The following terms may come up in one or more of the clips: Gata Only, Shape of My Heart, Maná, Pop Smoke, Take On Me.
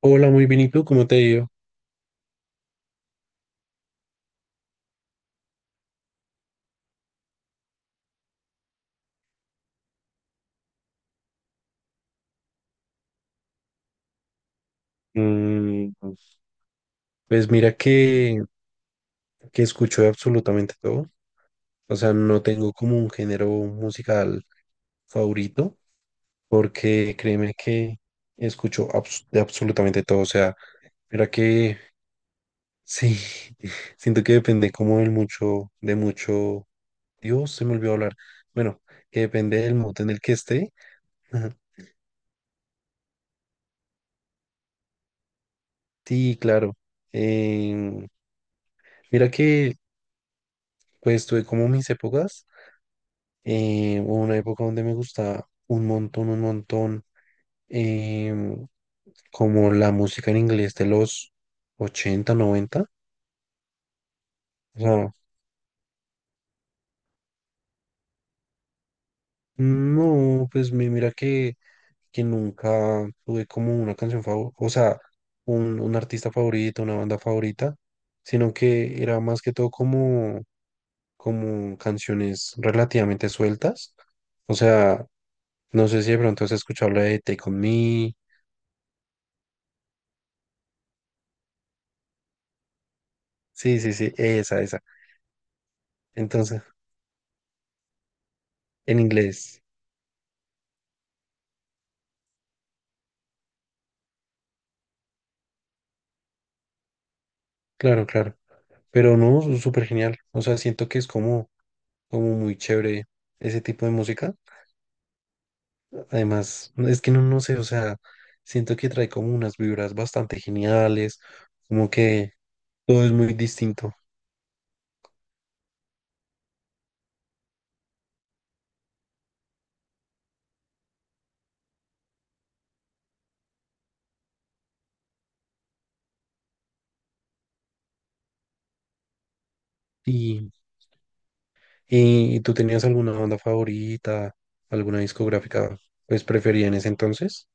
Hola, muy bien. ¿Y tú cómo te ha ido? Mm, pues mira que escucho de absolutamente todo. O sea, no tengo como un género musical favorito, porque créeme que escucho de absolutamente todo. O sea, mira que sí, siento que depende como del mucho, de mucho. Dios, se me olvidó hablar. Bueno, que depende del mood en el que esté. Ajá. Sí, claro. Em, Mira que pues tuve como mis épocas. Hubo una época donde me gustaba un montón, em, como la música en inglés de los 80 noventa. O sea, no, pues mira que nunca tuve como una canción favorita, o sea, un artista favorito, una banda favorita, sino que era más que todo como, como canciones relativamente sueltas. O sea, no sé si de pronto has escuchado la de Take On Me. Sí, sí, sí, esa, esa. Entonces, en inglés, claro, claro. Pero no, súper genial. O sea, siento que es como, como muy chévere ese tipo de música. Además, no, es que no, no sé, o sea, siento que trae como unas vibras bastante geniales, como que todo es muy distinto. Y, y, ¿tú tenías alguna banda favorita, alguna discográfica, pues preferida en ese entonces?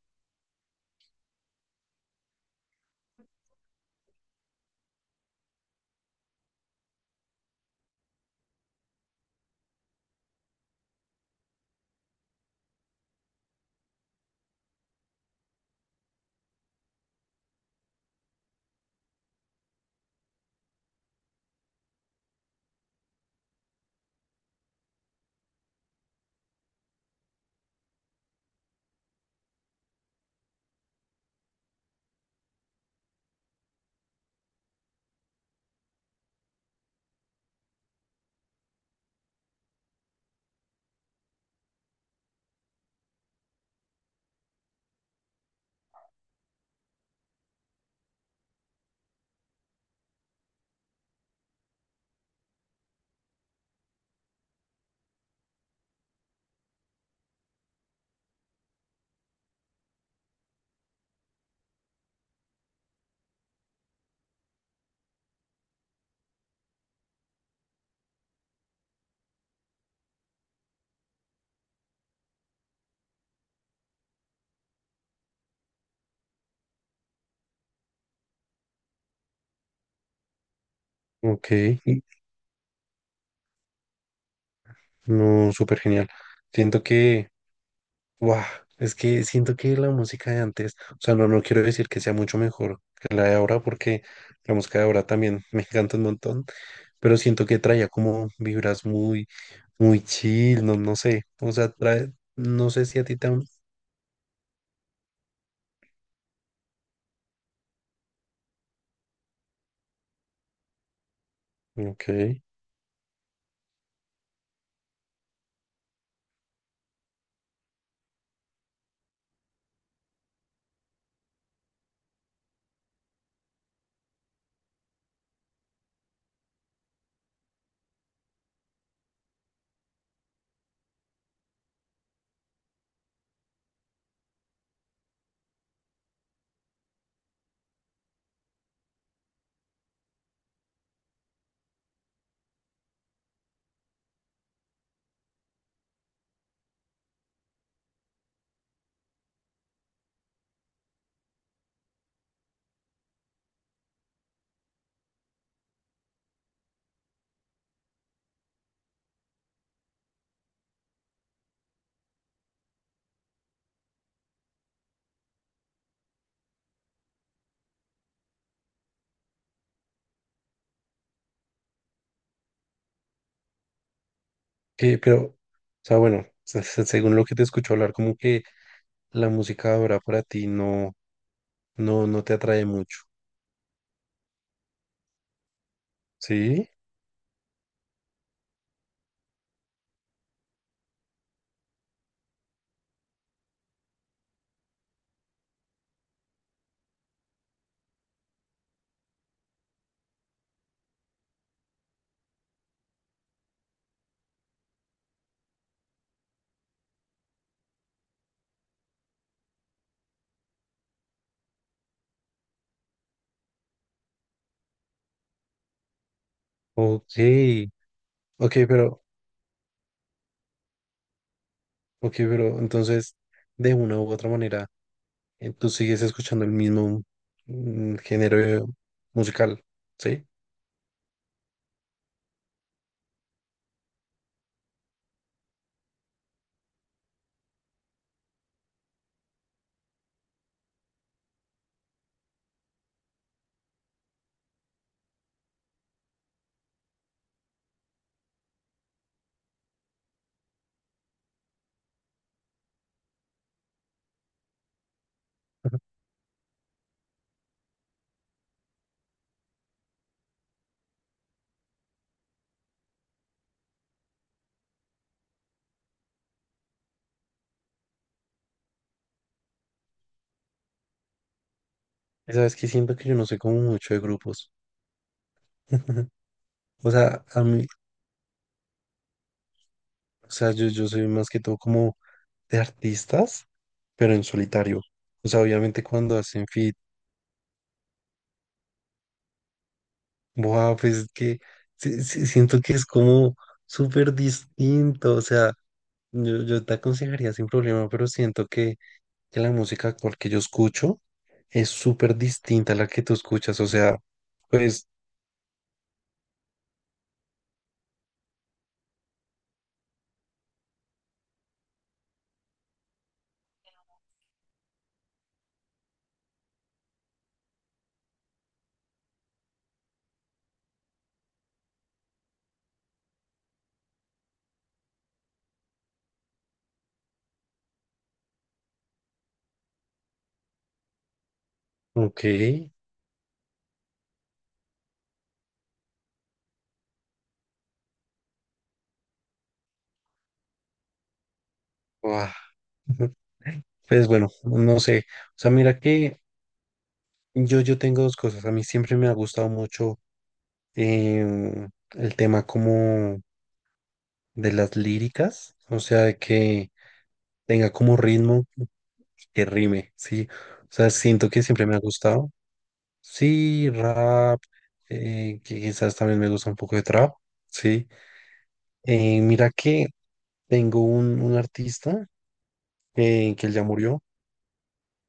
Ok, y- no, súper genial. Siento que, guau, es que siento que la música de antes, o sea, no, no quiero decir que sea mucho mejor que la de ahora, porque la música de ahora también me encanta un montón, pero siento que traía como vibras muy, muy chill, no, no sé, o sea, trae, no sé si a ti también. Ok, que, pero, o sea, bueno, según lo que te escucho hablar, como que la música de ahora para ti no, no, no te atrae mucho, ¿sí? Ok, ok, pero, ok, pero entonces, de una u otra manera. Tú sigues escuchando el mismo género musical, ¿sí? Y sabes que siento que yo no sé como mucho de grupos. O sea, a mí, o sea, yo soy más que todo como de artistas, pero en solitario. O sea, obviamente cuando hacen feat, wow, pues es que sí siento que es como súper distinto. O sea, yo te aconsejaría sin problema, pero siento que la música actual que yo escucho es súper distinta a la que tú escuchas. O sea, pues, ok, guau. Pues bueno, no sé. O sea, mira que yo tengo dos cosas. A mí siempre me ha gustado mucho el tema como de las líricas, o sea, de que tenga como ritmo, que rime, ¿sí? O sea, siento que siempre me ha gustado. Sí, rap, que quizás también me gusta un poco de trap, ¿sí? Mira que tengo un artista que él ya murió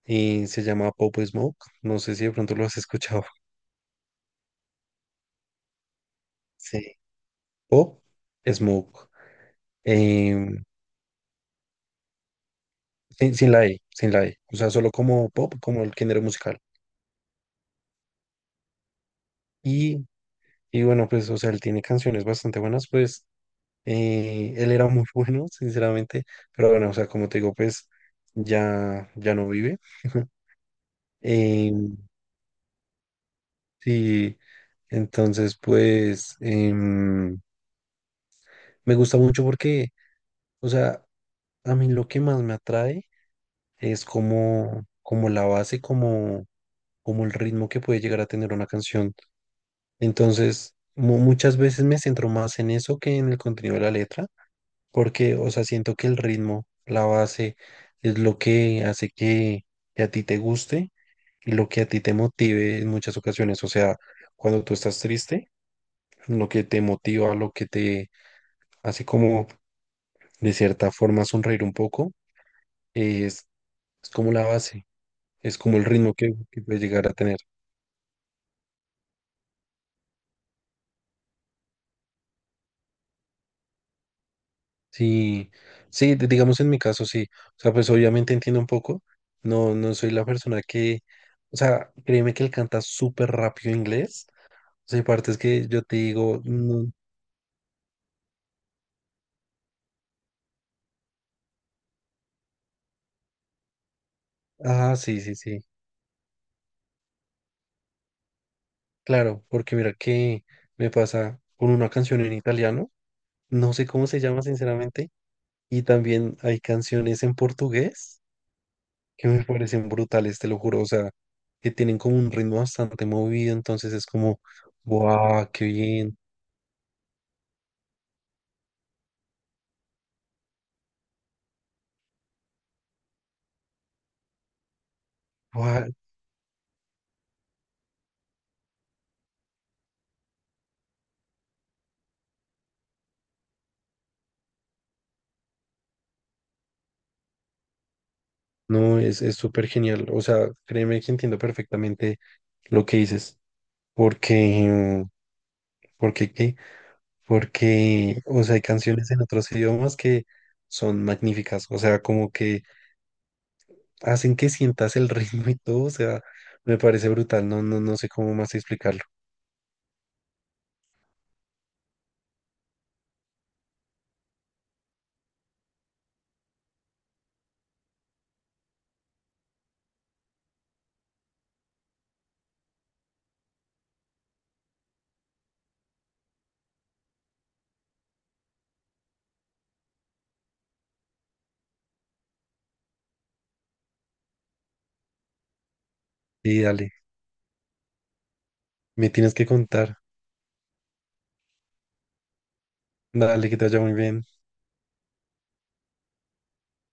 y se llama Pop Smoke. No sé si de pronto lo has escuchado. Sí. Pop Smoke. Em, sin la E, sin la E. O sea, solo como pop, como el género musical. Y, y bueno, pues, o sea, él tiene canciones bastante buenas, pues, él era muy bueno, sinceramente. Pero bueno, o sea, como te digo, pues, ya, ya no vive. Em, sí, entonces, pues, me gusta mucho porque, o sea, a mí lo que más me atrae es como la base, como el ritmo que puede llegar a tener una canción. Entonces, muchas veces me centro más en eso que en el contenido de la letra, porque, o sea, siento que el ritmo, la base, es lo que hace que a ti te guste y lo que a ti te motive en muchas ocasiones. O sea, cuando tú estás triste, lo que te motiva, lo que te hace como, de cierta forma, sonreír un poco, es, es como la base, es como el ritmo que puede llegar a tener. Sí, sí, digamos en mi caso sí. O sea, pues obviamente entiendo un poco. No, no soy la persona que, o sea, créeme que él canta súper rápido inglés. O sea, hay partes que yo te digo, "No". Ah, sí, sí, sí. Claro, porque mira que me pasa con una canción en italiano, no sé cómo se llama sinceramente, y también hay canciones en portugués que me parecen brutales, te lo juro. O sea, que tienen como un ritmo bastante movido, entonces es como, wow, qué bien. No, es súper genial. O sea, créeme que entiendo perfectamente lo que dices. Porque, porque qué, porque, o sea, hay canciones en otros idiomas que son magníficas. O sea, como que hacen que sientas el ritmo y todo. O sea, me parece brutal. No, no, no sé cómo más explicarlo. Y dale, me tienes que contar. Dale, que te vaya muy bien.